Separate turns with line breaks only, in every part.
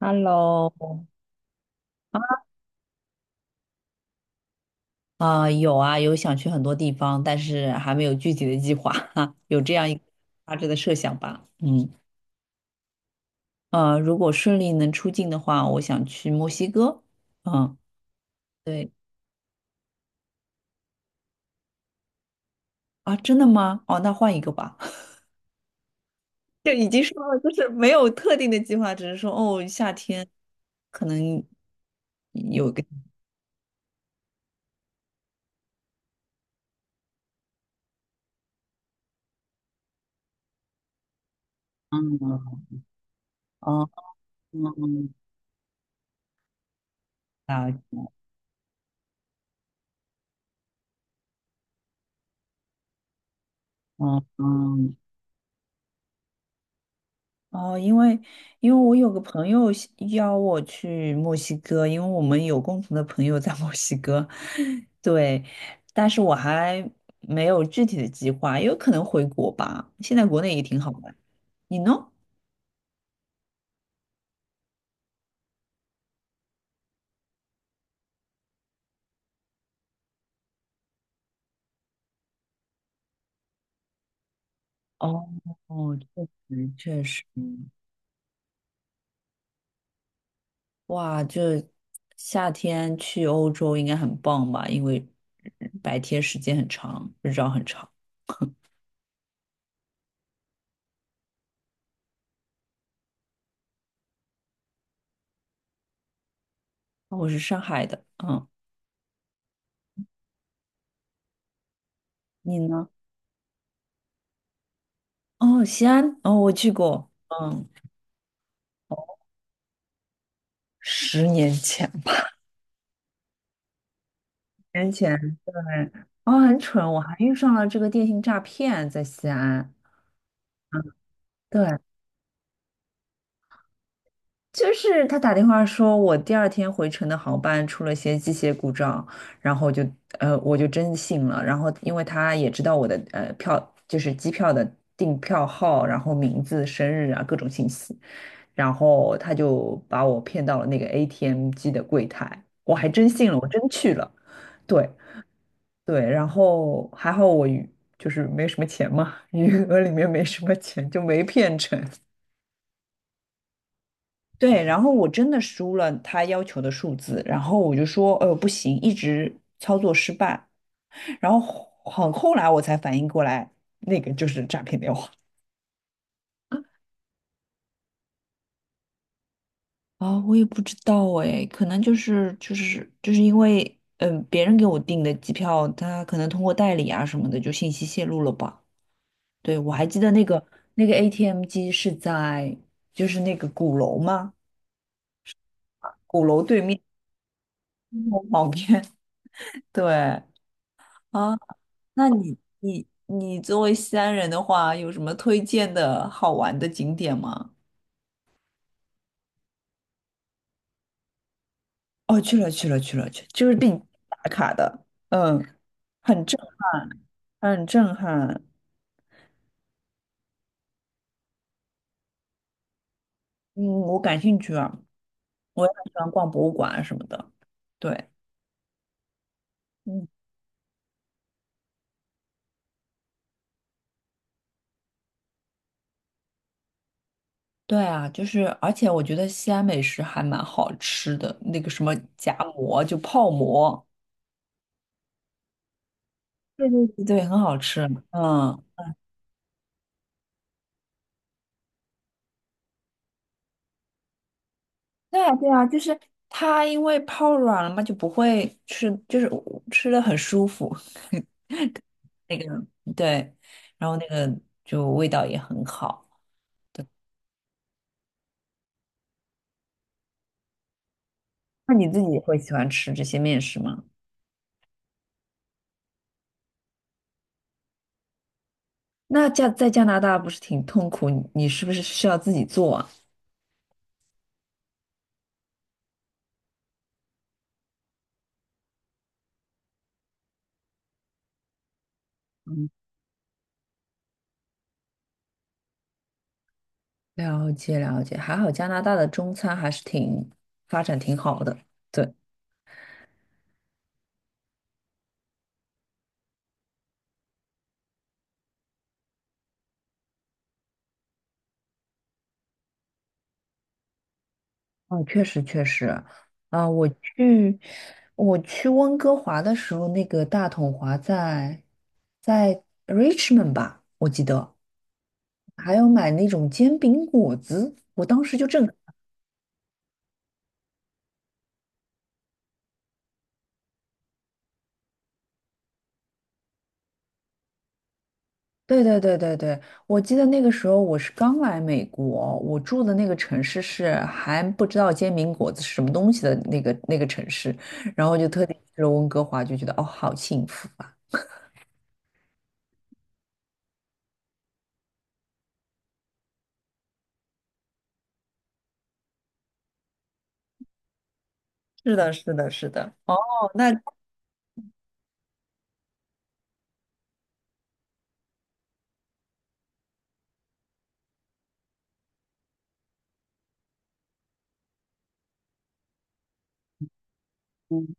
Hello，啊、有啊，有想去很多地方，但是还没有具体的计划哈，有这样一个大致的设想吧。嗯，如果顺利能出境的话，我想去墨西哥。嗯，对啊，真的吗？哦，那换一个吧。就已经说了，就是没有特定的计划，只是说哦，夏天可能有个嗯哦嗯啊嗯嗯。哦，因为我有个朋友喜邀我去墨西哥，因为我们有共同的朋友在墨西哥，对，但是我还没有具体的计划，有可能回国吧。现在国内也挺好的，你呢？哦，哦，确实确实，哇，就夏天去欧洲应该很棒吧？因为白天时间很长，日照很长。哦我是上海的，嗯，你呢？哦，西安，哦，我去过，嗯。10年前，年前对，哦，很蠢，我还遇上了这个电信诈骗，在西安。嗯对，就是他打电话说我第2天回程的航班出了些机械故障，然后就我就真信了，然后因为他也知道我的票就是机票的订票号，然后名字、生日啊各种信息，然后他就把我骗到了那个 ATM 机的柜台，我还真信了，我真去了。对，对，然后还好就是没什么钱嘛，余额里面没什么钱，就没骗成。对，然后我真的输了他要求的数字，然后我就说，不行，一直操作失败。然后很后来我才反应过来，那个就是诈骗电话。啊，我也不知道哎，可能就是因为，嗯、别人给我订的机票，他可能通过代理啊什么的，就信息泄露了吧。对，我还记得那个 ATM 机是在就是那个鼓楼吗？鼓楼对面，鼓楼旁边。对啊，那你作为西安人的话，有什么推荐的好玩的景点吗？哦，去了去了去了去，就是必打卡的，嗯，很震撼，嗯，我感兴趣啊，我也很喜欢逛博物馆啊什么的。对，嗯。对啊，就是，而且我觉得西安美食还蛮好吃的，那个什么夹馍，就泡馍，对对对，对很好吃。嗯，对啊对啊，就是它因为泡软了嘛，就不会吃，就是吃的很舒服。那个对，然后那个就味道也很好。那你自己会喜欢吃这些面食吗？那加在加拿大不是挺痛苦，你是不是需要自己做啊？了解了解，还好加拿大的中餐还是发展挺好的。对，哦，确实确实，啊、我去温哥华的时候，那个大统华在 Richmond 吧，我记得还有买那种煎饼果子，我当时就震对对对对对，我记得那个时候我是刚来美国，我住的那个城市是还不知道煎饼果子是什么东西的那个城市，然后就特地去了温哥华，就觉得哦，好幸福啊！是的，是的，是的。哦，那嗯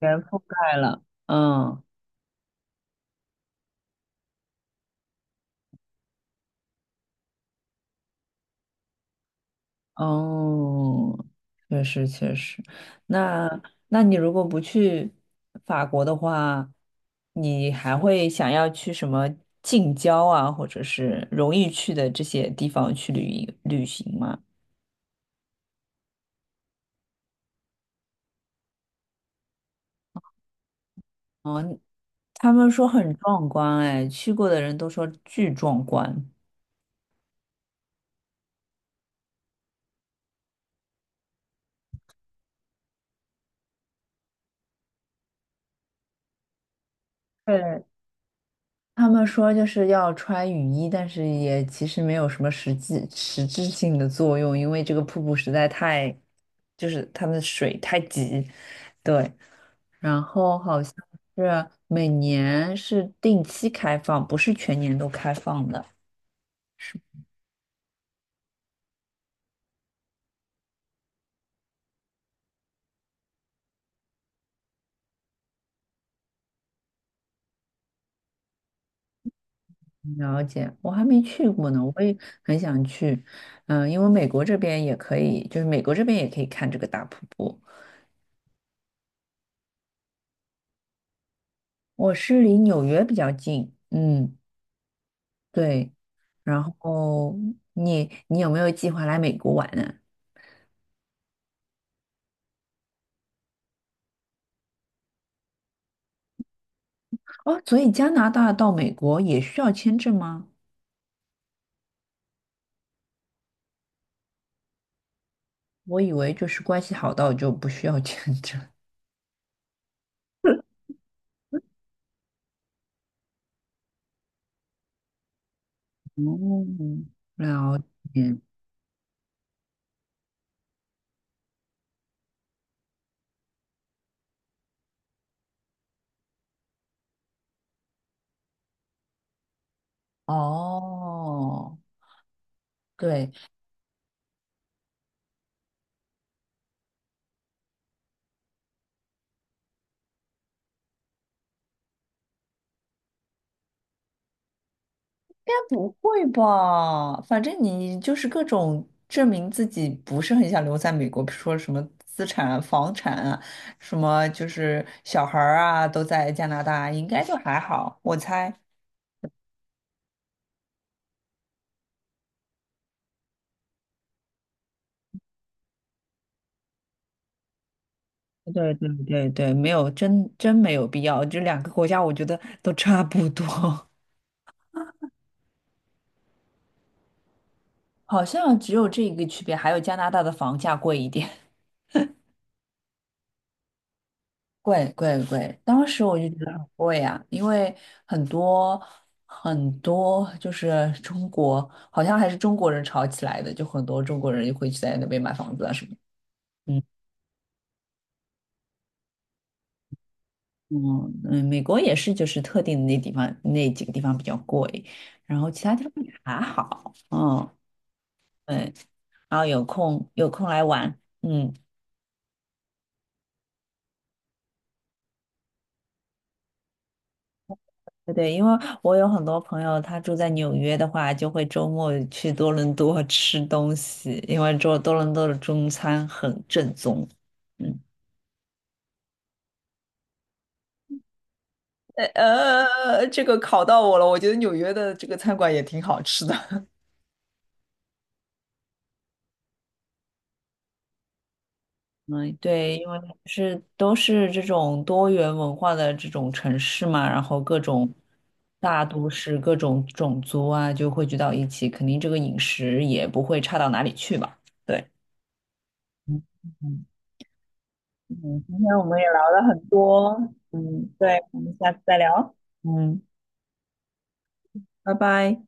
全覆盖了。嗯，哦，确实确实。那你如果不去法国的话，你还会想要去什么近郊啊，或者是容易去的这些地方去旅游旅行吗？他们说很壮观，哎，去过的人都说巨壮观。对，他们说就是要穿雨衣，但是也其实没有什么实质性的作用，因为这个瀑布实在太，就是它们的水太急。对。然后好像是每年是定期开放，不是全年都开放的。了解，我还没去过呢，我也很想去。嗯，因为美国这边也可以，就是美国这边也可以看这个大瀑布。我是离纽约比较近，嗯，对。然后你有没有计划来美国玩呢？哦，所以加拿大到美国也需要签证吗？我以为就是关系好到就不需要 签证。哦，了解。哦，对，应该不会吧？反正你就是各种证明自己不是很想留在美国，比如说什么资产啊房产啊，什么就是小孩儿啊都在加拿大，应该就还好，我猜。对对对对，没有，真没有必要。这两个国家我觉得都差不多，好像只有这一个区别，还有加拿大的房价贵一点。贵贵贵，当时我就觉得很贵呀、因为很多很多就是中国，好像还是中国人炒起来的，就很多中国人就会去在那边买房子啊什么的。嗯嗯嗯，美国也是，就是特定的那几个地方比较贵，然后其他地方也还好。嗯，对，然后有空有空来玩，嗯。对对，因为我有很多朋友，他住在纽约的话，就会周末去多伦多吃东西，因为做多伦多的中餐很正宗。嗯呃，这个考到我了，我觉得纽约的这个餐馆也挺好吃的。嗯，对，因为是都是这种多元文化的这种城市嘛，然后各种大都市、各种种族啊，就汇聚到一起，肯定这个饮食也不会差到哪里去吧？对。嗯嗯，今天我们也聊了很多，嗯，对，我们下次再聊，嗯，拜拜。